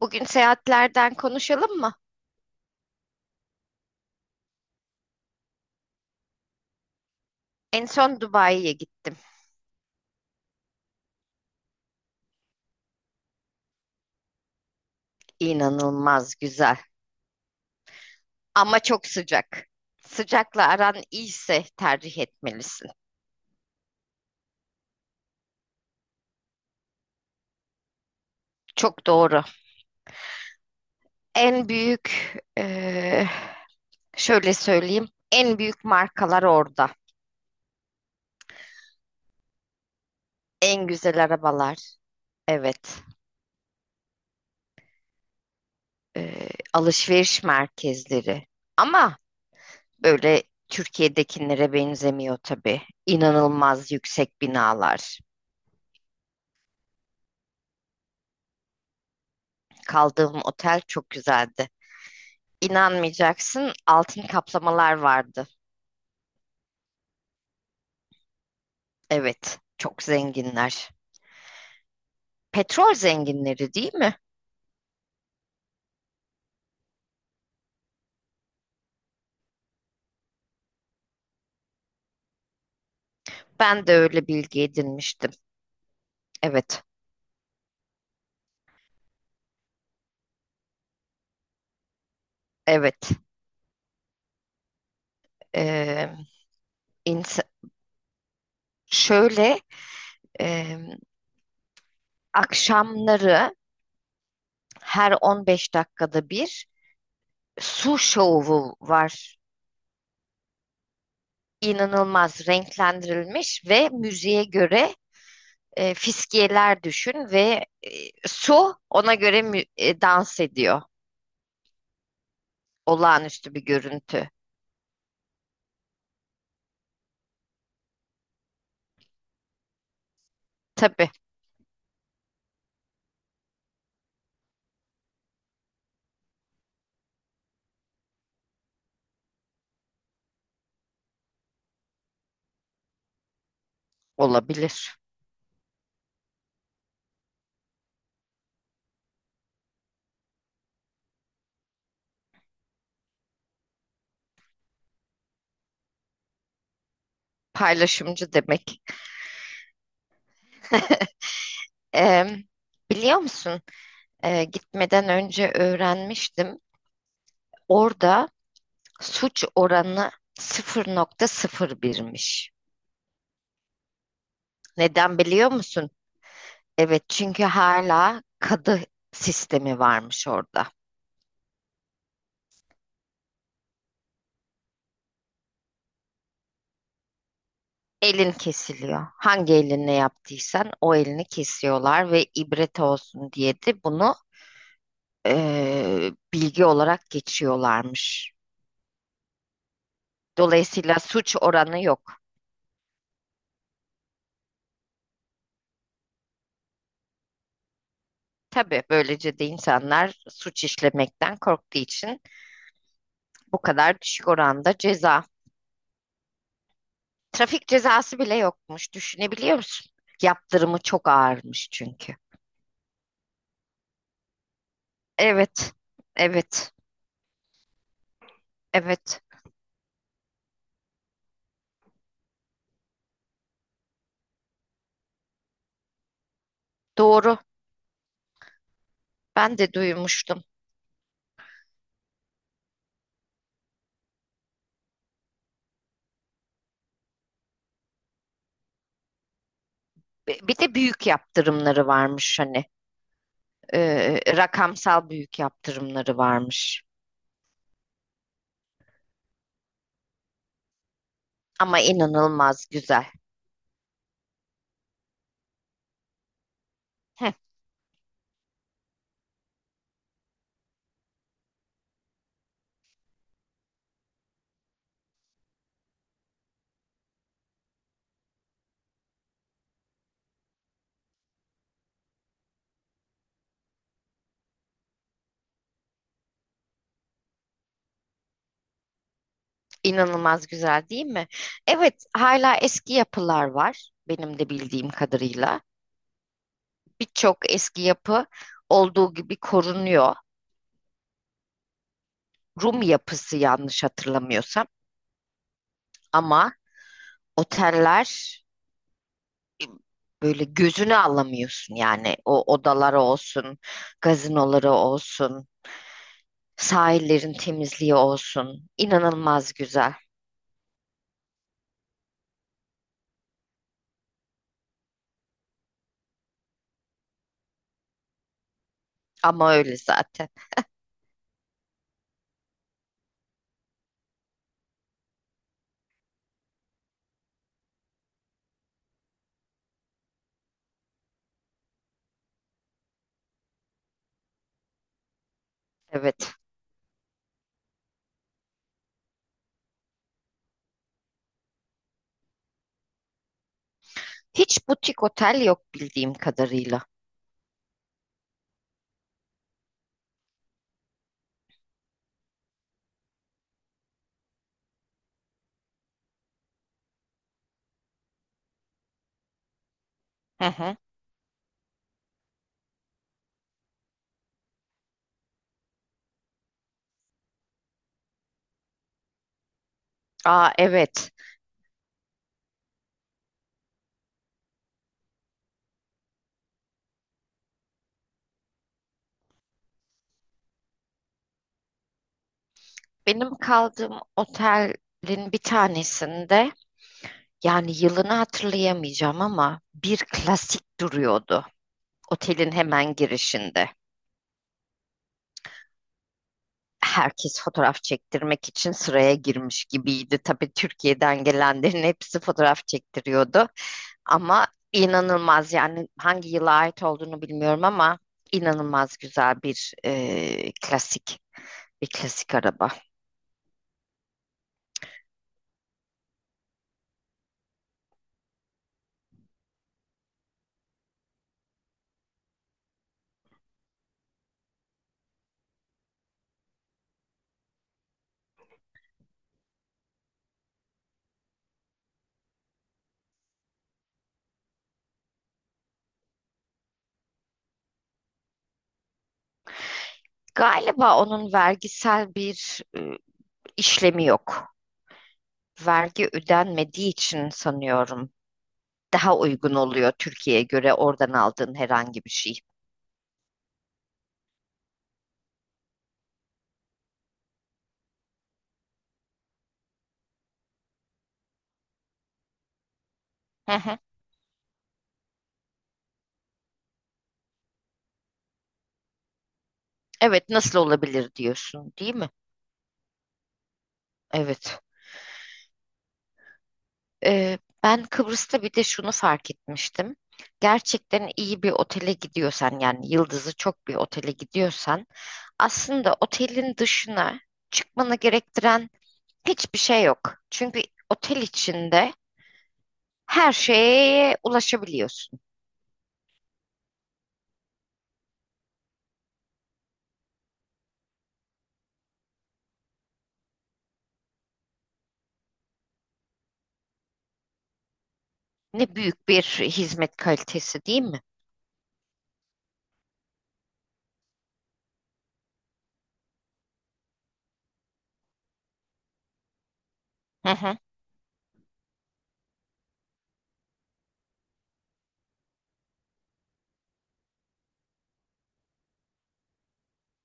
Bugün seyahatlerden konuşalım mı? En son Dubai'ye gittim. İnanılmaz güzel ama çok sıcak. Sıcakla aran iyiyse tercih etmelisin. Çok doğru. En büyük, eee, Şöyle söyleyeyim, en büyük markalar orada. En güzel arabalar. Evet, alışveriş merkezleri. Ama böyle Türkiye'dekinlere benzemiyor tabii. İnanılmaz yüksek binalar. Kaldığım otel çok güzeldi. İnanmayacaksın, altın kaplamalar vardı. Evet, çok zenginler. Petrol zenginleri değil mi? Ben de öyle bilgi edinmiştim. Evet, evet. Ee, ins- şöyle, e, Akşamları her 15 dakikada bir su şovu var. İnanılmaz renklendirilmiş ve müziğe göre fiskiyeler düşün ve su ona göre dans ediyor. Olağanüstü bir görüntü. Tabii olabilir. Paylaşımcı demek. Ee, Biliyor musun? Gitmeden önce öğrenmiştim. Orada suç oranı 0.01'miş. Neden biliyor musun? Evet, çünkü hala kadı sistemi varmış orada. Elin kesiliyor. Hangi elinle yaptıysan o elini kesiyorlar ve ibret olsun diye de bunu bilgi olarak geçiyorlarmış. Dolayısıyla suç oranı yok. Tabii böylece de insanlar suç işlemekten korktuğu için bu kadar düşük oranda ceza. Trafik cezası bile yokmuş. Düşünebiliyor musun? Yaptırımı çok ağırmış çünkü. Evet, evet, evet. Doğru. Ben de duymuştum. Bir de büyük yaptırımları varmış hani. Rakamsal büyük yaptırımları varmış. Ama inanılmaz güzel. Heh, inanılmaz güzel değil mi? Evet, hala eski yapılar var benim de bildiğim kadarıyla. Birçok eski yapı olduğu gibi korunuyor. Rum yapısı yanlış hatırlamıyorsam ama oteller böyle gözünü alamıyorsun yani o odaları olsun, gazinoları olsun, sahillerin temizliği olsun. İnanılmaz güzel ama öyle zaten. Evet. Hiç butik otel yok bildiğim kadarıyla. Hı hı. Aa, evet. Benim kaldığım otelin bir tanesinde yani yılını hatırlayamayacağım ama bir klasik duruyordu otelin hemen girişinde. Herkes fotoğraf çektirmek için sıraya girmiş gibiydi. Tabii Türkiye'den gelenlerin hepsi fotoğraf çektiriyordu. Ama inanılmaz yani hangi yıla ait olduğunu bilmiyorum ama inanılmaz güzel bir e, klasik bir klasik araba. Galiba onun vergisel bir işlemi yok. Vergi ödenmediği için sanıyorum daha uygun oluyor Türkiye'ye göre oradan aldığın herhangi bir şey. Hı hı. Evet, nasıl olabilir diyorsun değil mi? Evet. Ben Kıbrıs'ta bir de şunu fark etmiştim. Gerçekten iyi bir otele gidiyorsan yani yıldızı çok bir otele gidiyorsan aslında otelin dışına çıkmanı gerektiren hiçbir şey yok. Çünkü otel içinde her şeye ulaşabiliyorsun. Ne büyük bir hizmet kalitesi değil mi? Hı hı.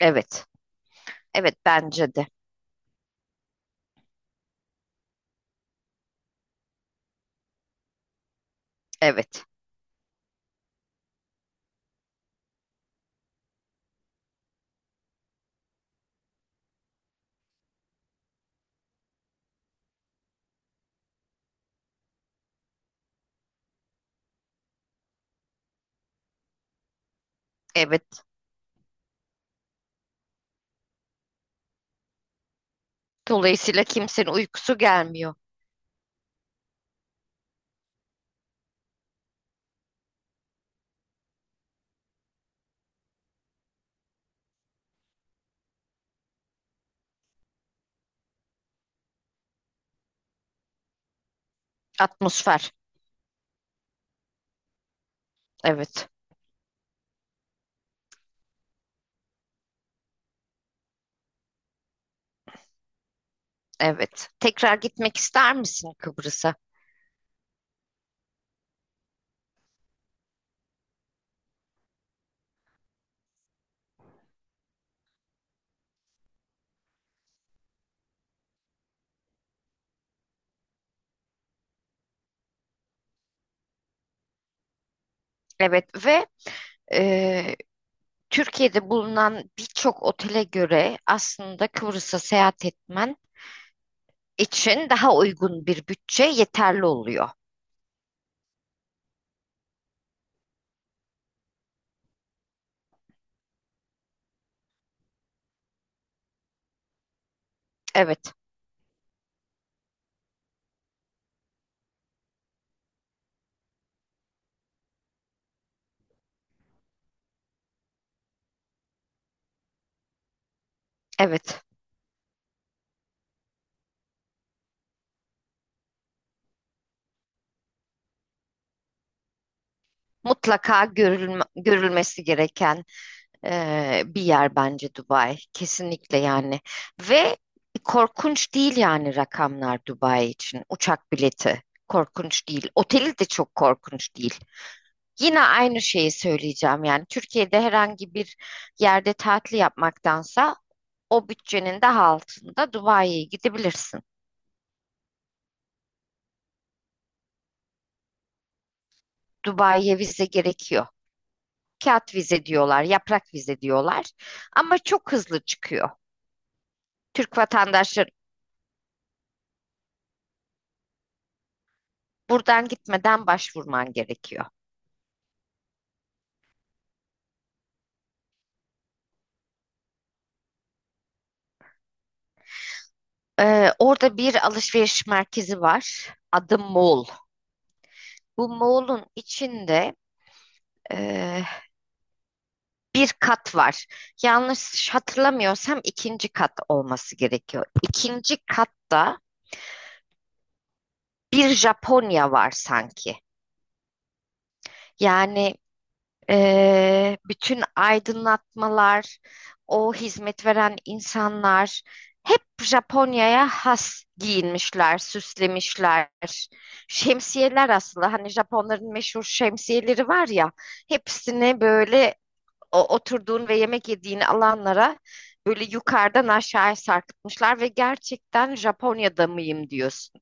Evet. Evet, bence de. Evet. Evet. Dolayısıyla kimsenin uykusu gelmiyor. Atmosfer. Evet. Evet. Tekrar gitmek ister misin Kıbrıs'a? Evet ve e, Türkiye'de bulunan birçok otele göre aslında Kıbrıs'a seyahat etmen için daha uygun bir bütçe yeterli oluyor. Evet, evet. Görülmesi gereken bir yer bence Dubai. Kesinlikle yani. Ve korkunç değil yani rakamlar Dubai için. Uçak bileti korkunç değil. Oteli de çok korkunç değil. Yine aynı şeyi söyleyeceğim yani Türkiye'de herhangi bir yerde tatil yapmaktansa o bütçenin daha altında Dubai'ye gidebilirsin. Dubai'ye vize gerekiyor. Kağıt vize diyorlar, yaprak vize diyorlar ama çok hızlı çıkıyor. Türk vatandaşları buradan gitmeden başvurman gerekiyor. Orada bir alışveriş merkezi var adı Mall. Bu Mall'un içinde e, bir kat var. Yanlış hatırlamıyorsam ikinci kat olması gerekiyor. İkinci katta bir Japonya var sanki. Yani bütün aydınlatmalar, o hizmet veren insanlar hep Japonya'ya has giyinmişler, süslemişler. Şemsiyeler aslında hani Japonların meşhur şemsiyeleri var ya, hepsini böyle oturduğun ve yemek yediğin alanlara böyle yukarıdan aşağıya sarkıtmışlar ve gerçekten Japonya'da mıyım diyorsun.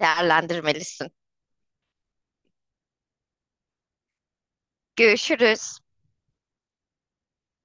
Değerlendirmelisin. Görüşürüz.